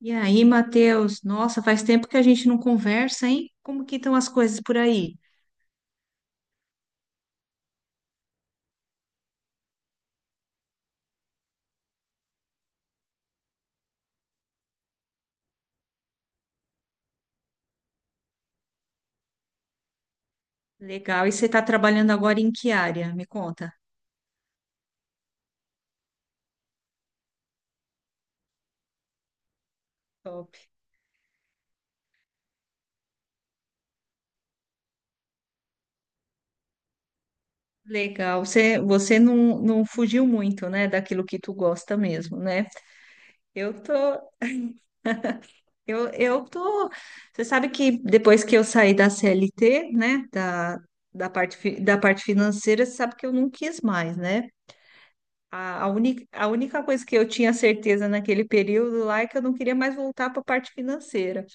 E aí, Matheus? Nossa, faz tempo que a gente não conversa, hein? Como que estão as coisas por aí? Legal. E você está trabalhando agora em que área? Me conta. Top. Legal. Você, você não fugiu muito, né, daquilo que tu gosta mesmo, né? Eu tô, eu tô. Você sabe que depois que eu saí da CLT, né, da parte, da parte financeira, você sabe que eu não quis mais, né? A única coisa que eu tinha certeza naquele período lá é que eu não queria mais voltar para a parte financeira.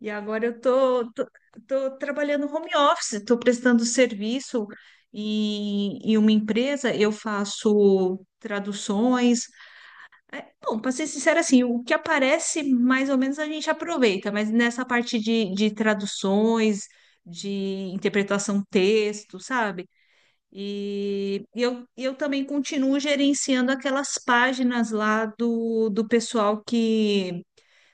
E agora eu tô trabalhando home office, estou prestando serviço em, em uma empresa, eu faço traduções. Bom, para ser sincera, assim, o que aparece mais ou menos a gente aproveita, mas nessa parte de traduções, de interpretação texto, sabe? E eu também continuo gerenciando aquelas páginas lá do pessoal que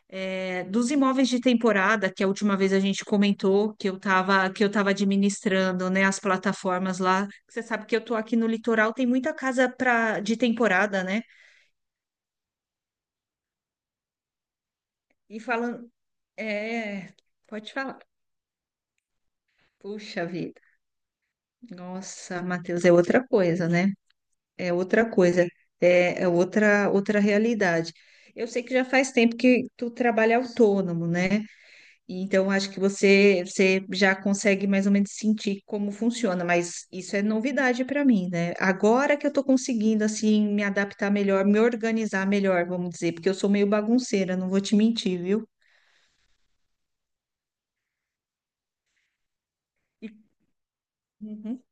é, dos imóveis de temporada, que a última vez a gente comentou que eu estava administrando, né, as plataformas lá. Você sabe que eu tô aqui no litoral, tem muita casa pra, de temporada, né? E falando, é, pode falar. Puxa vida. Nossa, Matheus, é outra coisa, né? É outra coisa, é, é outra outra realidade. Eu sei que já faz tempo que tu trabalha autônomo, né? E então acho que você já consegue mais ou menos sentir como funciona, mas isso é novidade para mim, né? Agora que eu tô conseguindo assim me adaptar melhor, me organizar melhor, vamos dizer, porque eu sou meio bagunceira, não vou te mentir, viu? Uhum.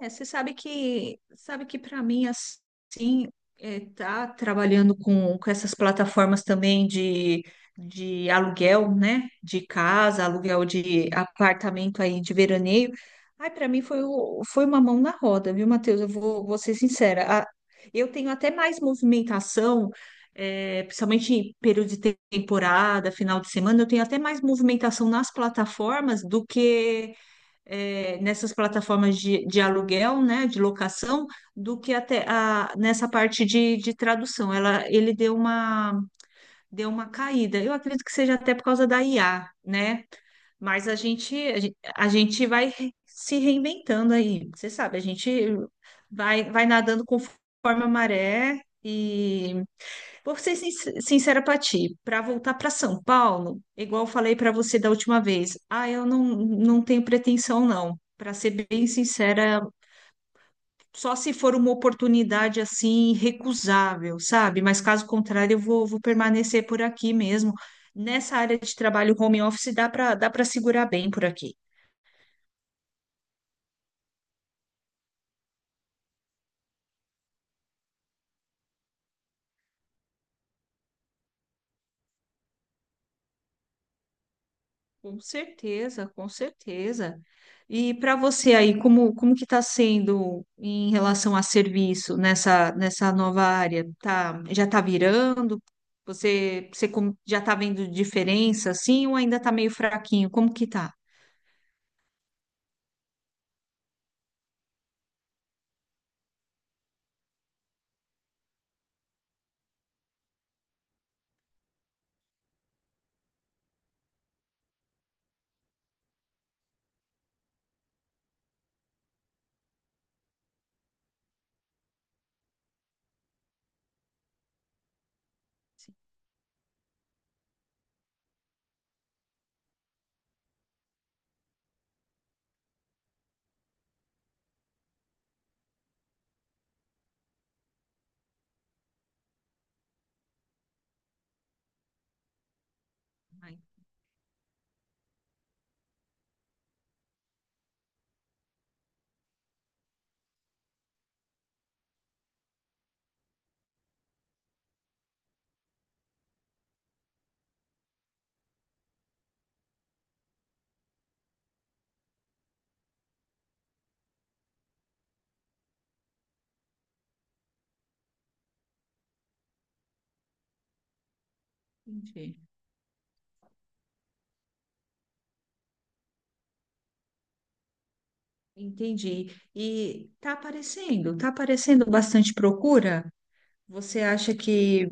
É, você sabe que para mim assim é, tá trabalhando com essas plataformas também de aluguel, né? De casa, aluguel de apartamento aí de veraneio. Ai, para mim foi, foi uma mão na roda, viu, Matheus? Eu vou ser sincera. Eu tenho até mais movimentação, é, principalmente em período de temporada, final de semana, eu tenho até mais movimentação nas plataformas do que é, nessas plataformas de aluguel, né, de locação, do que até a, nessa parte de tradução. Ele deu uma caída. Eu acredito que seja até por causa da IA, né? Mas a gente vai se reinventando aí. Você sabe, a gente vai nadando conforme a maré. E vou ser sincera para ti, para voltar para São Paulo, igual eu falei para você da última vez, ah, eu não tenho pretensão não. Para ser bem sincera, só se for uma oportunidade assim irrecusável, sabe? Mas caso contrário, eu vou permanecer por aqui mesmo. Nessa área de trabalho home office dá para segurar bem por aqui. Com certeza, com certeza. E para você aí, como, como que está sendo em relação a serviço nessa, nessa nova área? Tá, já está virando? Você, já está vendo diferença assim ou ainda está meio fraquinho? Como que tá? Sim, ah, entendi. Entendi. E está aparecendo bastante procura? Você acha que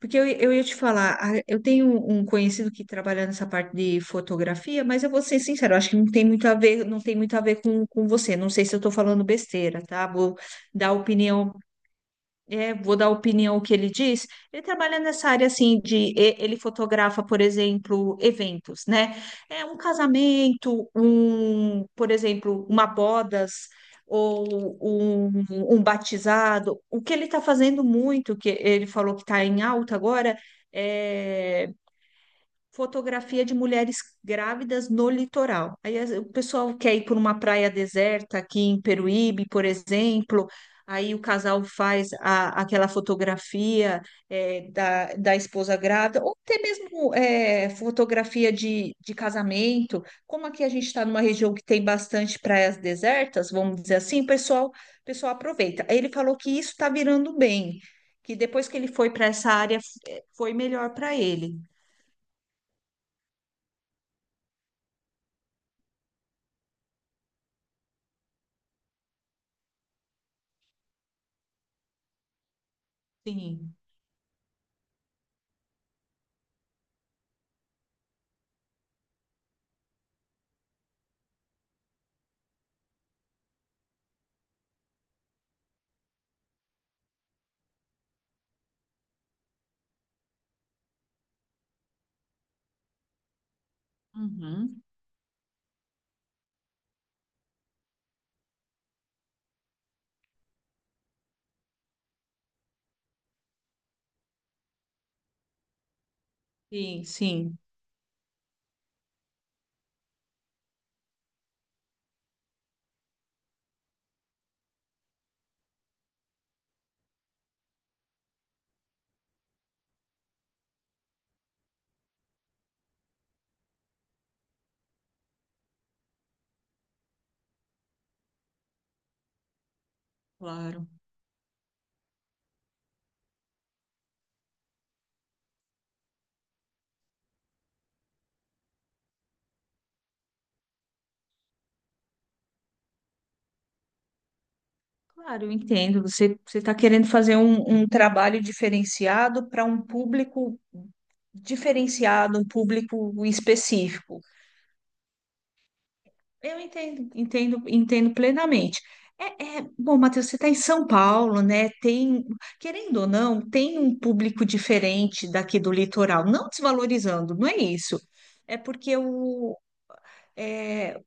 porque eu ia te falar, eu tenho um conhecido que trabalha nessa parte de fotografia, mas eu vou ser sincera, eu acho que não tem muito a ver, não tem muito a ver com você. Não sei se eu estou falando besteira, tá? Vou dar opinião é, vou dar opinião ao que ele diz. Ele trabalha nessa área assim de ele fotografa, por exemplo, eventos, né? É um casamento, um, por exemplo, uma bodas ou um batizado. O que ele está fazendo muito, que ele falou que está em alta agora, é fotografia de mulheres grávidas no litoral. Aí o pessoal quer ir por uma praia deserta aqui em Peruíbe, por exemplo. Aí o casal faz aquela fotografia é, da, da esposa grávida, ou até mesmo é, fotografia de casamento. Como aqui a gente está numa região que tem bastante praias desertas, vamos dizer assim, o pessoal aproveita. Aí ele falou que isso está virando bem, que depois que ele foi para essa área, é, foi melhor para ele. Sim. Uhum. Sim, sim, claro. Claro, eu entendo. Você está querendo fazer um, um trabalho diferenciado para um público diferenciado, um público específico. Eu entendo, entendo, entendo plenamente. É, bom, Matheus, você está em São Paulo, né? Tem, querendo ou não, tem um público diferente daqui do litoral, não desvalorizando, não é isso. É porque o, é,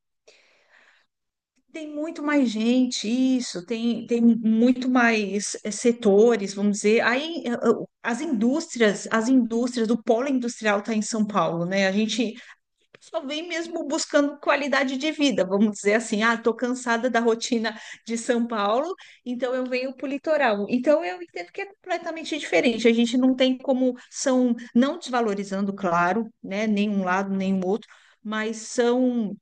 tem muito mais gente, isso, tem, tem muito mais eh, setores, vamos dizer. Aí eh, eh, as indústrias, o polo industrial está em São Paulo, né? A gente só vem mesmo buscando qualidade de vida, vamos dizer assim, ah, estou cansada da rotina de São Paulo, então eu venho para o litoral. Então eu entendo que é completamente diferente. A gente não tem como são, não desvalorizando, claro, né? Nem um lado, nem o outro, mas são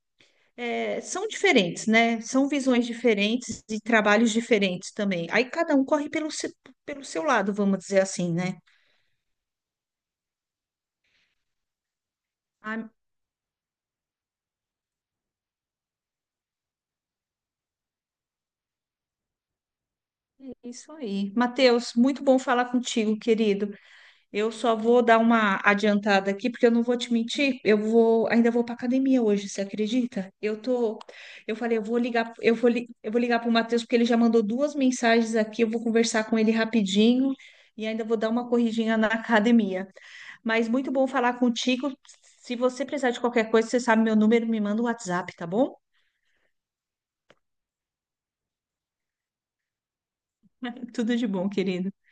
é, são diferentes, né? São visões diferentes e trabalhos diferentes também. Aí cada um corre pelo, pelo seu lado, vamos dizer assim, né? Ah, é isso aí. Matheus, muito bom falar contigo, querido. Eu só vou dar uma adiantada aqui, porque eu não vou te mentir. Eu vou, ainda vou para academia hoje, você acredita? Eu tô, eu falei, eu vou ligar, eu vou ligar para o Matheus, porque ele já mandou duas mensagens aqui. Eu vou conversar com ele rapidinho e ainda vou dar uma corridinha na academia. Mas muito bom falar contigo. Se você precisar de qualquer coisa, você sabe meu número, me manda um WhatsApp, tá bom? Tudo de bom, querido.